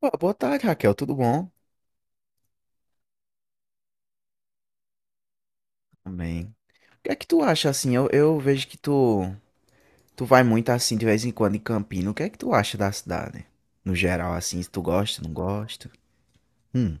Pô, boa tarde, Raquel, tudo bom? Também. O que é que tu acha assim? Eu vejo que tu vai muito assim de vez em quando em Campina. O que é que tu acha da cidade? No geral, assim, se tu gosta, não gosta? Hum.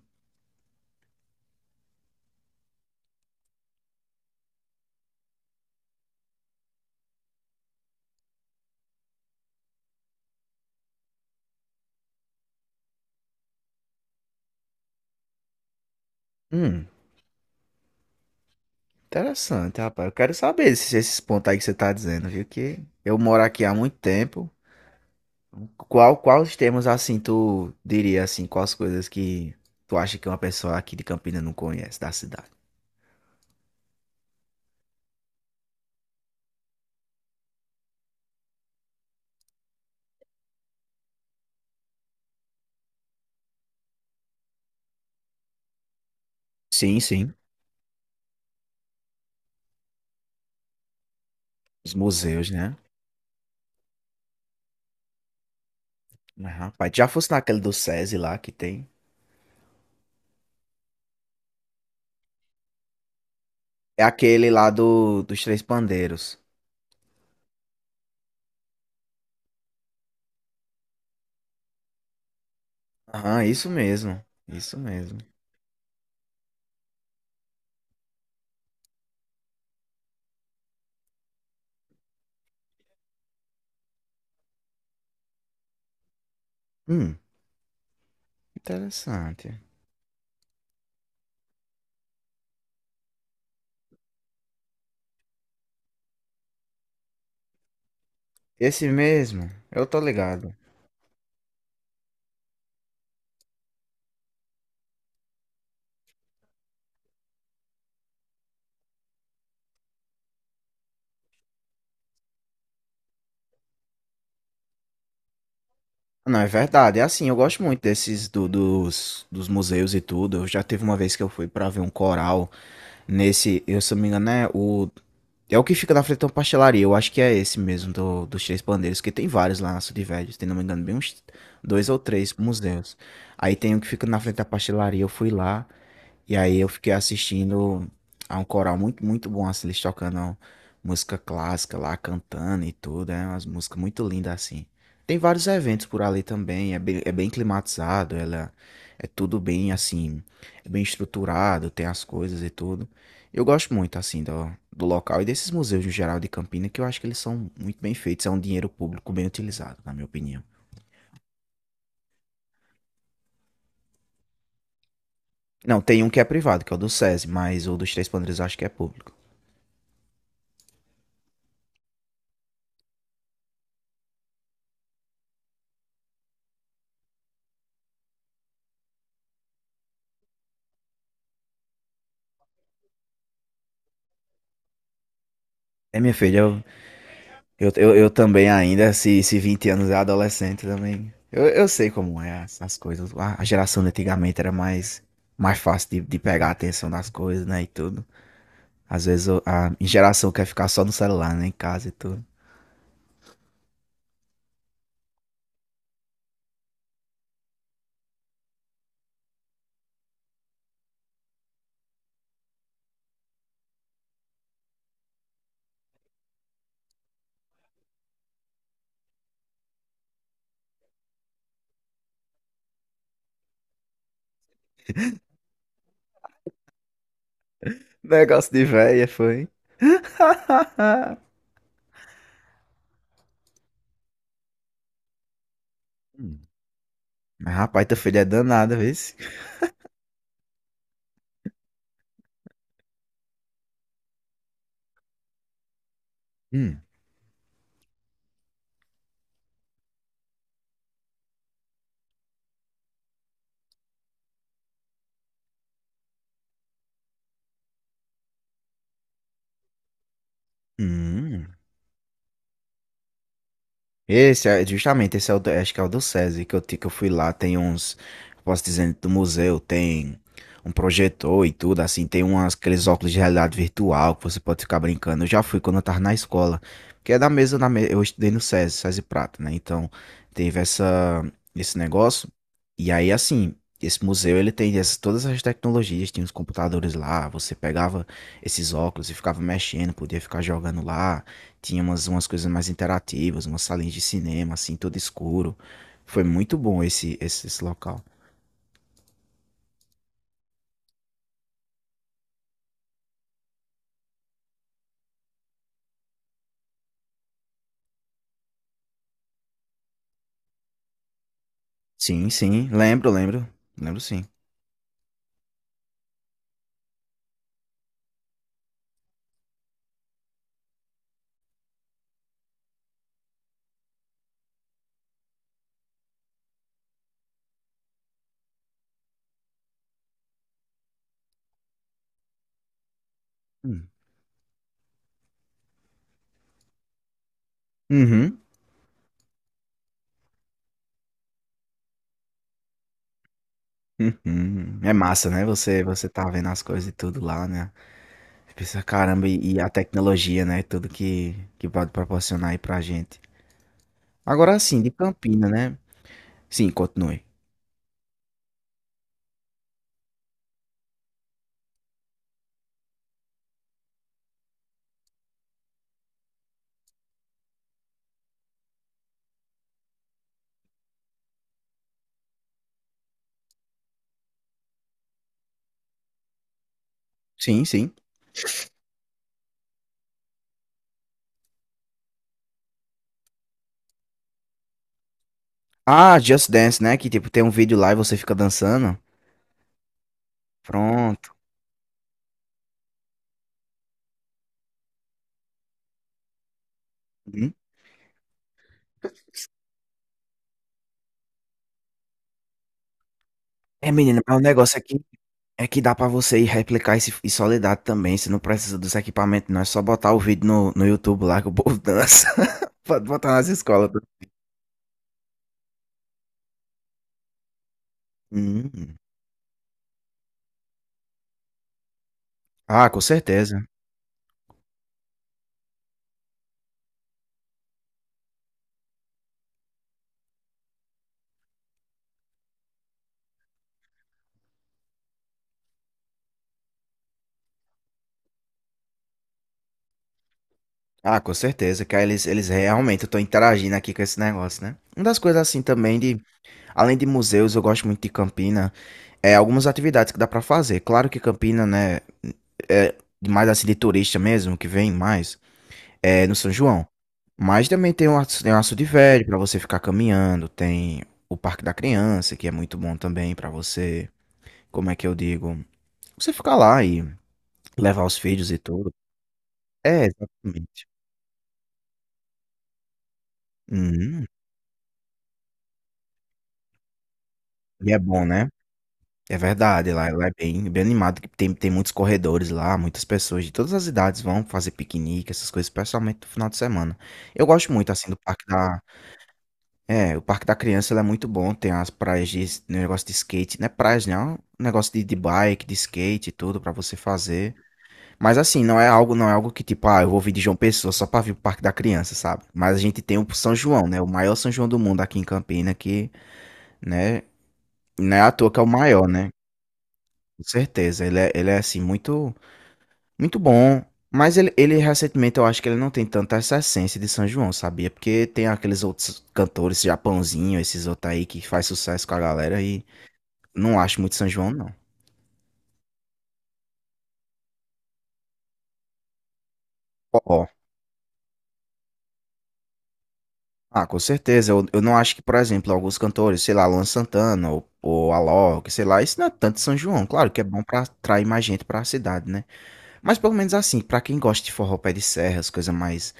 Hum, interessante, rapaz. Eu quero saber esses pontos aí que você tá dizendo, viu? Que eu moro aqui há muito tempo. Quais temas assim tu diria assim? Quais coisas que tu acha que uma pessoa aqui de Campina não conhece da cidade? Sim, sim. Os museus, né? Mas, rapaz, já fosse naquele do SESI lá que tem. É aquele lá dos Três Pandeiros. Aham, isso mesmo. Isso mesmo. Hum, interessante. Esse mesmo, eu tô ligado. Não, é verdade. É assim, eu gosto muito dos museus e tudo. Eu já teve uma vez que eu fui pra ver um coral nesse, eu se não me engano, é o. É o que fica na frente de uma pastelaria. Eu acho que é esse mesmo dos Três Pandeiros, que tem vários lá na Cidade Velha. Tem, não me engano, bem uns dois ou três museus. Aí tem um que fica na frente da pastelaria. Eu fui lá e aí eu fiquei assistindo a um coral muito, muito bom, assim, eles tocando música clássica lá, cantando e tudo. É umas músicas muito lindas assim. Tem vários eventos por ali também. É bem climatizado, ela é tudo bem assim, é bem estruturado, tem as coisas e tudo. Eu gosto muito, assim, do local e desses museus no geral de Campina, que eu acho que eles são muito bem feitos, é um dinheiro público bem utilizado, na minha opinião. Não, tem um que é privado, que é o do SESI, mas o dos Três Pandeiros eu acho que é público. É, minha filha, eu também ainda, se 20 anos é adolescente também, eu sei como é as coisas. A geração de antigamente era mais fácil de pegar a atenção das coisas, né, e tudo. Às vezes o- a geração quer ficar só no celular, né, em casa e tudo. Negócio de véia, foi. Rapaz, teu filho é danado, vê se. Hum. Hum. Esse é justamente, esse é o do, acho que é o do SESI que que eu fui lá, tem uns, posso dizer, do museu, tem um projetor e tudo, assim, tem umas, aqueles óculos de realidade virtual que você pode ficar brincando. Eu já fui quando eu tava na escola, que é da mesma, da me- eu estudei no SESI, SESI Prata, né? Então, teve esse negócio. E aí, assim, esse museu, ele tem essas, todas as tecnologias, tinha os computadores lá, você pegava esses óculos e ficava mexendo, podia ficar jogando lá. Tinha umas, umas coisas mais interativas, umas salinhas de cinema, assim, todo escuro. Foi muito bom esse local. Sim, sim, lembro, lembro. Lembro sim. Hum. Uhum. Uhum. É massa, né? Você tá vendo as coisas e tudo lá, né? Você pensa, caramba, e a tecnologia, né? Tudo que pode proporcionar aí pra gente. Agora sim, de Campina, né? Sim, continue. Sim, sim. Ah, Just Dance, né? Que tipo, tem um vídeo lá e você fica dançando. Pronto. Uhum. É, menina, mas o negócio aqui. É que dá pra você ir replicar esse em Soledade também. Você não precisa dos equipamentos, não. É só botar o vídeo no YouTube lá que o povo dança. Pode botar nas escolas. Hum. Ah, com certeza. Ah, com certeza. Que aí eles realmente estão interagindo aqui com esse negócio, né? Uma das coisas assim também de, além de museus, eu gosto muito de Campina, é algumas atividades que dá pra fazer. Claro que Campina, né, é mais assim de turista mesmo, que vem mais. É no São João. Mas também tem um Aço, tem o Aço Velho para você ficar caminhando, tem o Parque da Criança, que é muito bom também para você, como é que eu digo, você ficar lá e levar os filhos e tudo. É, exatamente. Uhum. E é bom, né? É verdade, lá é bem, bem animado, que tem muitos corredores lá, muitas pessoas de todas as idades vão fazer piquenique, essas coisas, especialmente no final de semana. Eu gosto muito, assim, do Parque da. É, o Parque da Criança ele é muito bom, tem as praias de s- negócio de skate, não é praias, né? É um negócio de bike, de skate e tudo pra você fazer. Mas assim, não é algo, não é algo que tipo, ah, eu vou vir de João Pessoa só pra vir pro Parque da Criança, sabe? Mas a gente tem o São João, né? O maior São João do mundo aqui em Campina, que, né, não é à toa que é o maior, né? Com certeza, ele é assim muito muito bom. Mas ele recentemente eu acho que ele não tem tanta essa essência de São João, sabia? Porque tem aqueles outros cantores, Japãozinho, esses outros aí que faz sucesso com a galera e não acho muito São João, não. Ó. Ah, com certeza. Eu não acho que, por exemplo, alguns cantores, sei lá, Luan Santana ou Alok, sei lá, isso não é tanto São João. Claro que é bom pra atrair mais gente pra cidade, né? Mas pelo menos assim, pra quem gosta de forró pé de serra, as coisas mais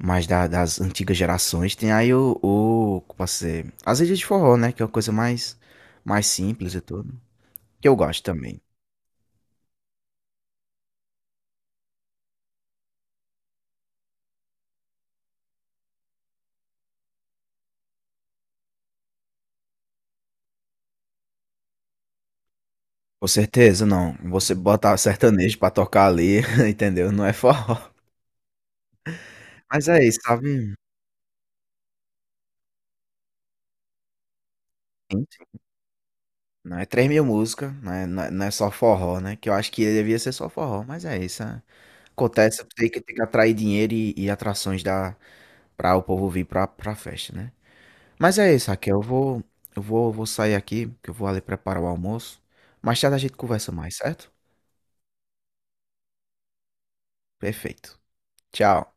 mais da- das antigas gerações. Tem aí o, como posso dizer, as ilhas de forró, né? Que é uma coisa mais simples e tudo. Que eu gosto também. Com certeza, não. Você botar sertanejo pra tocar ali, entendeu? Não é forró. Mas é isso, sabe? Sim, sim. Não é 3 mil músicas, não é só forró, né? Que eu acho que devia ser só forró, mas é isso. Né? Acontece, tem que atrair dinheiro e atrações da, pra o povo vir pra festa, né? Mas é isso, Raquel. Vou sair aqui, que eu vou ali preparar o almoço. Mais tarde a gente conversa mais, certo? Perfeito. Tchau.